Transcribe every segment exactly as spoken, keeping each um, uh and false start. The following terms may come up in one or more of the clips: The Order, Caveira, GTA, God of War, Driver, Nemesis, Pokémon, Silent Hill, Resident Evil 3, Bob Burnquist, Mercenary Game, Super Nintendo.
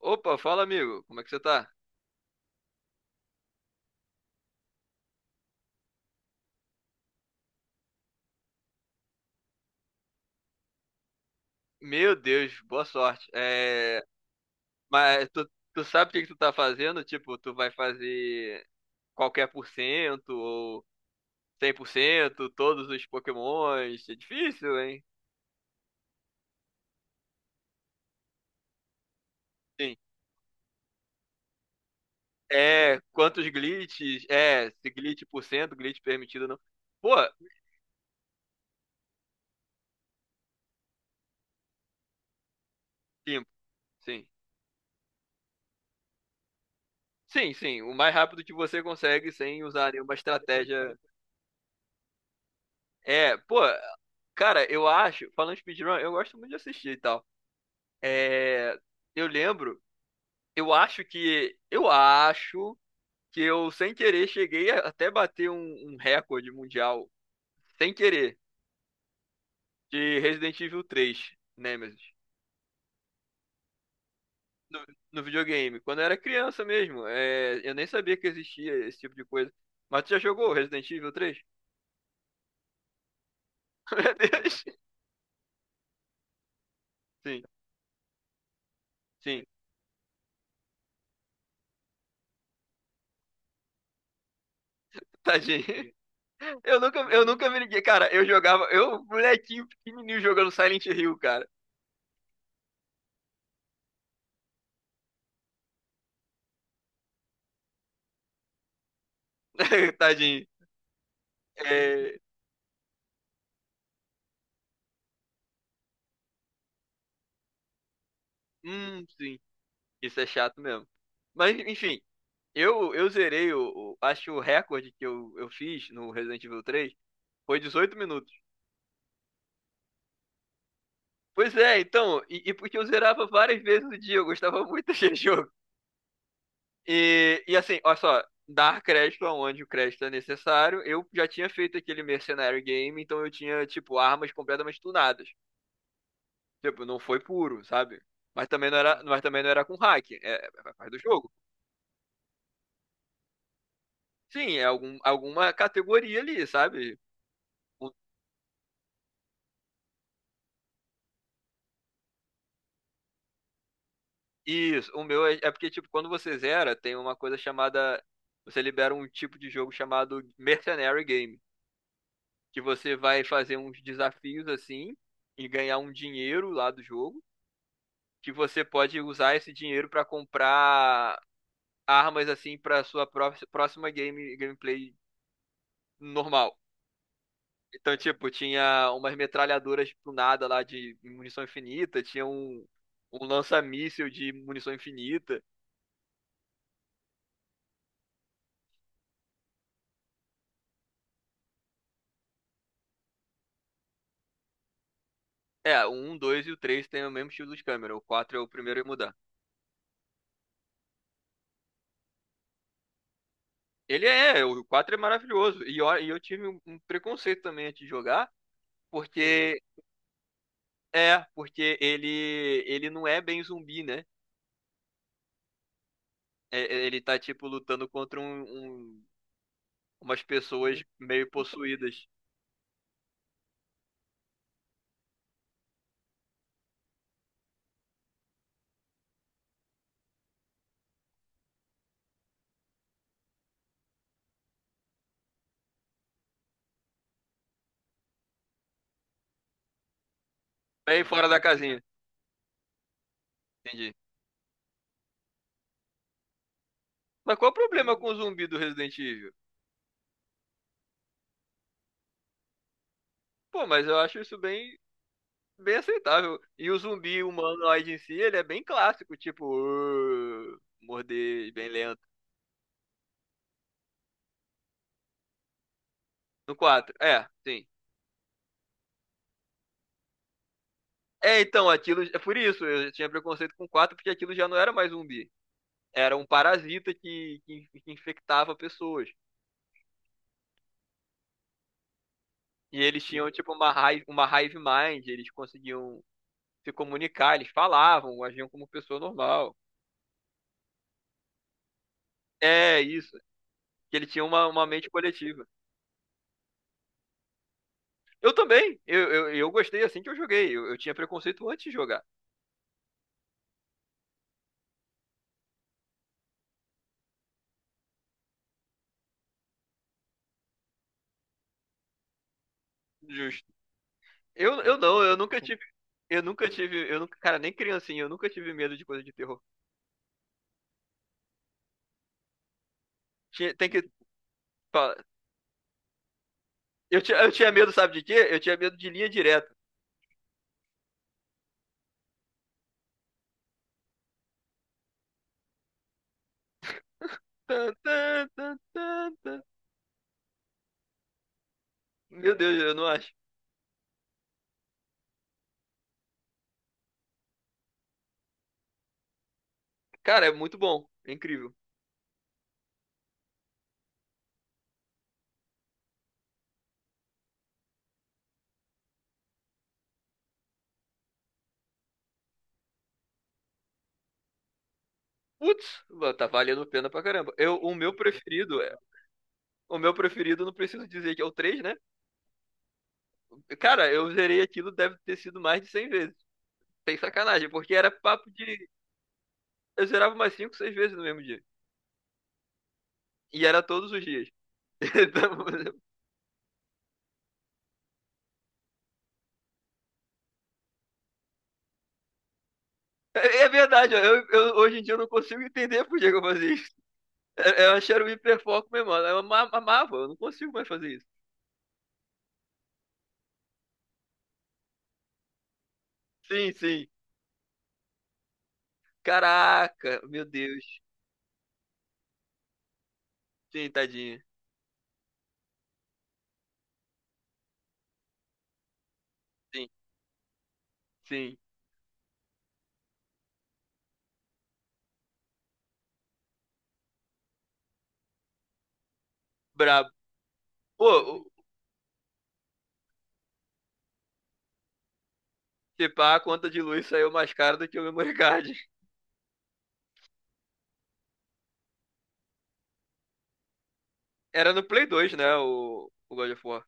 Opa, fala amigo, como é que você tá? Meu Deus, boa sorte. É, mas tu, tu sabe o que que tu tá fazendo? Tipo, tu vai fazer qualquer por cento ou cem por cento, todos os Pokémons. É difícil, hein? Sim. É, quantos glitches? É, se glitch por cento, glitch permitido ou não. Pô, limpo, sim. Sim, sim, o mais rápido que você consegue sem usar nenhuma estratégia. É, pô, cara, eu acho, falando de speedrun, eu gosto muito de assistir e tal. É, eu lembro, eu acho que. Eu acho que eu, sem querer, cheguei a até bater um, um recorde mundial, sem querer, de Resident Evil três, Nemesis. No, no videogame, quando eu era criança mesmo. É, eu nem sabia que existia esse tipo de coisa. Mas tu já jogou Resident Evil três? Meu Deus. Sim, sim. Tadinho. Eu nunca, eu nunca me liguei. Cara, eu jogava. Eu, molequinho pequenininho, jogando Silent Hill, cara. Tadinho. É, hum, sim. Isso é chato mesmo. Mas, enfim, eu, eu zerei o, o- acho que o recorde que eu, eu fiz no Resident Evil três foi dezoito minutos. Pois é, então. E, e porque eu zerava várias vezes no dia, eu gostava muito desse jogo. E, e assim, olha só. Dar crédito aonde o crédito é necessário. Eu já tinha feito aquele mercenário game, então eu tinha, tipo, armas completamente tunadas. Tipo, não foi puro, sabe? Mas também não era, mas também não era com hack. É, é parte do jogo. Sim, é algum, alguma categoria ali, sabe? Isso, o meu é, é porque, tipo, quando você zera, tem uma coisa chamada. Você libera um tipo de jogo chamado Mercenary Game, que você vai fazer uns desafios assim e ganhar um dinheiro lá do jogo, que você pode usar esse dinheiro pra comprar armas assim para sua pró- próxima game gameplay normal. Então, tipo, tinha umas metralhadoras do nada lá de munição infinita, tinha um, um lança-míssil de munição infinita. É, o um, dois e o três tem o mesmo estilo de câmera. O quatro é o primeiro a mudar. Ele é, é, o quatro é maravilhoso. E ó, e eu tive um um preconceito também antes de jogar, porque é, porque ele ele não é bem zumbi, né? É, é, ele tá tipo lutando contra um, um- umas pessoas meio possuídas, bem fora da casinha, entendi. Mas qual o problema com o zumbi do Resident Evil? Pô, mas eu acho isso bem bem aceitável. E o zumbi humanoide em si, ele é bem clássico, tipo, "Uh", morder bem lento. No quatro. É, sim. É, então, aquilo. É por isso, eu tinha preconceito com quatro porque aquilo já não era mais zumbi. Era um parasita que, que, que infectava pessoas. E eles tinham, tipo, uma hive, uma hive mind, eles conseguiam se comunicar, eles falavam, agiam como pessoa normal. É isso. Que ele tinha uma, uma mente coletiva. Eu também. Eu, eu, eu gostei assim que eu joguei. Eu, eu tinha preconceito antes de jogar. Justo. Eu, eu não, eu nunca tive. Eu nunca tive. Eu nunca, cara, nem criancinha, eu nunca tive medo de coisa de terror. Tinha- tem que. Eu, tinha- eu tinha medo, sabe de quê? Eu tinha medo de linha direta. Tan, tan, tan, tan, tan. Meu Deus, eu não acho. Cara, é muito bom. É incrível. Putz, mano, tá valendo pena pra caramba. Eu, o meu preferido é. O meu preferido, não preciso dizer que é o três né? Cara, eu zerei aquilo, deve ter sido mais de cem vezes. Sem sacanagem, porque era papo de. Eu zerava umas cinco seis vezes no mesmo dia. E era todos os dias. Então, é é verdade, eu, eu- hoje em dia eu não consigo entender por que que eu fazia isso. Eu achei era o hiperfoco mesmo, mano. Eu ama- amava, eu não consigo mais fazer isso. Sim, sim. Caraca, meu Deus. Sim, tadinho. Sim, sim. Brabo. Pô, o- se pá, a conta de luz saiu mais cara do que o memory card. Era no Play dois, né? O, o God of War.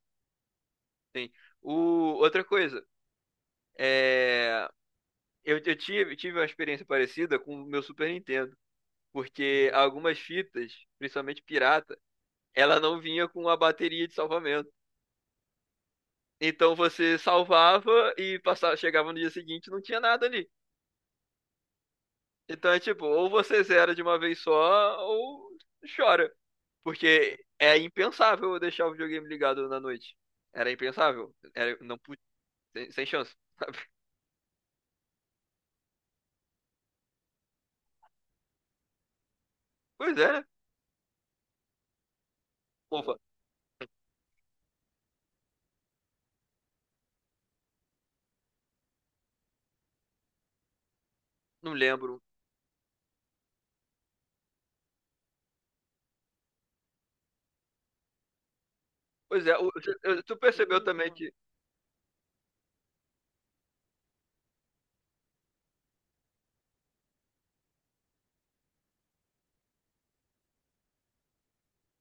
Sim. O, outra coisa. É, eu, eu tive, tive uma experiência parecida com o meu Super Nintendo. Porque algumas fitas, principalmente pirata, ela não vinha com a bateria de salvamento. Então você salvava e passava, chegava no dia seguinte e não tinha nada ali. Então é tipo, ou você zera de uma vez só, ou chora. Porque é impensável eu deixar o videogame ligado na noite. Era impensável. Era, não, pu- sem, sem chance. Sabe? Pois é, né? Ufa, não lembro. Pois é, o- eu- tu percebeu também que.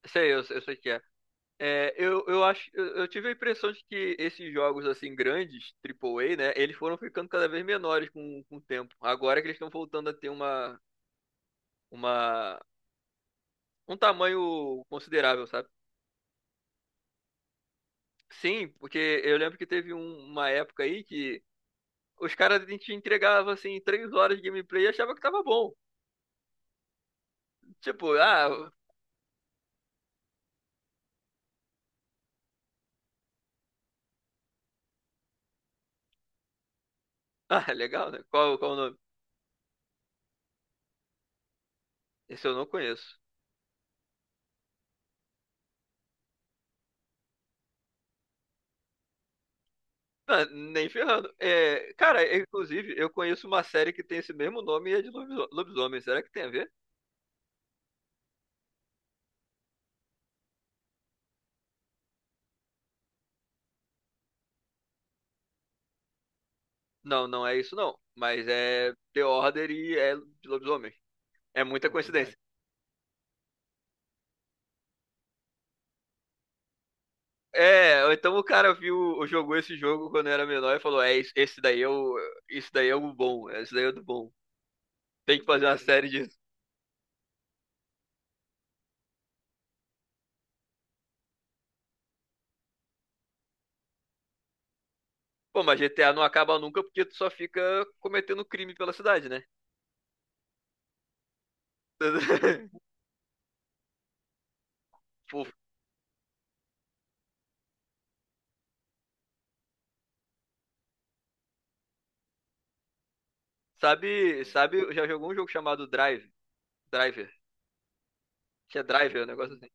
Sei, eu, eu sei que é. É, eu, eu acho, eu, eu tive a impressão de que esses jogos assim grandes, triplo A, né, eles foram ficando cada vez menores com, com o tempo. Agora que eles estão voltando a ter uma, uma, um tamanho considerável, sabe? Sim, porque eu lembro que teve um- uma época aí que os caras te entregavam assim três horas de gameplay e achava que tava bom. Tipo, ah, ah, legal, né? Qual, qual o nome? Esse eu não conheço. Não, nem ferrando. É, cara, é, inclusive, eu conheço uma série que tem esse mesmo nome e é de lobis- lobisomem. Será que tem a ver? Não, não é isso não. Mas é The Order e é de lobisomem. É muita, pô, verdade, coincidência. É, ou então o cara viu, ou jogou esse jogo quando era menor e falou, é, esse esse daí é o, esse daí é o bom, é, esse daí é o do bom. Tem que fazer uma série disso. Pô, mas G T A não acaba nunca porque tu só fica cometendo crime pela cidade, né? Pô, sabe, sabe, já jogou um jogo chamado Drive? Driver. Tinha drive, o negócio assim.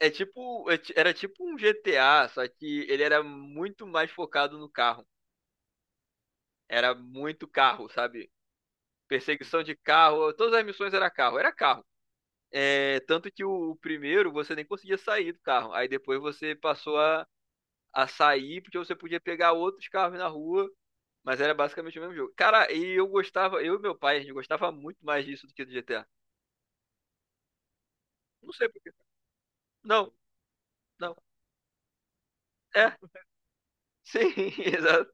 É tipo, é ti- era tipo um G T A, só que ele era muito mais focado no carro. Era muito carro, sabe? Perseguição de carro, todas as missões era carro, era carro. É, tanto que o, o primeiro você nem conseguia sair do carro. Aí depois você passou a, a sair porque você podia pegar outros carros na rua, mas era basicamente o mesmo jogo. Cara, e eu gostava, eu e meu pai, a gente gostava muito mais disso do que do G T A. Não sei por quê. Não, não. É, sim, exato.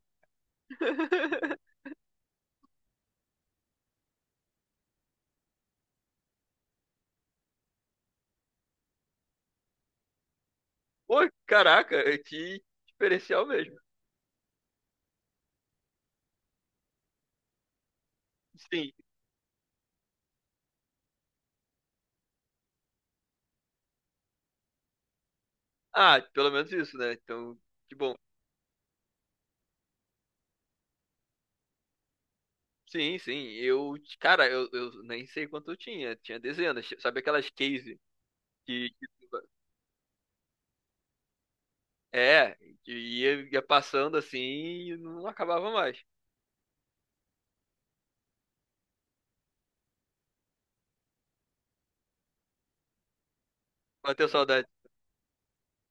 Pô, caraca, é que diferencial mesmo. Sim. Ah, pelo menos isso, né? Então, que bom. Sim, sim. Eu, cara, eu, eu nem sei quanto eu tinha. Tinha dezenas. Sabe aquelas case que, que- é, que ia, ia passando assim e não acabava mais. Bateu saudade.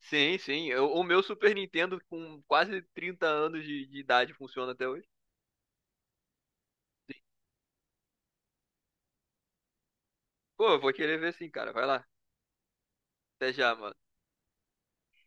Sim, sim. Eu- o meu Super Nintendo com quase trinta anos de, de idade funciona até hoje. Pô, eu vou querer ver sim, cara. Vai lá. Até já, mano.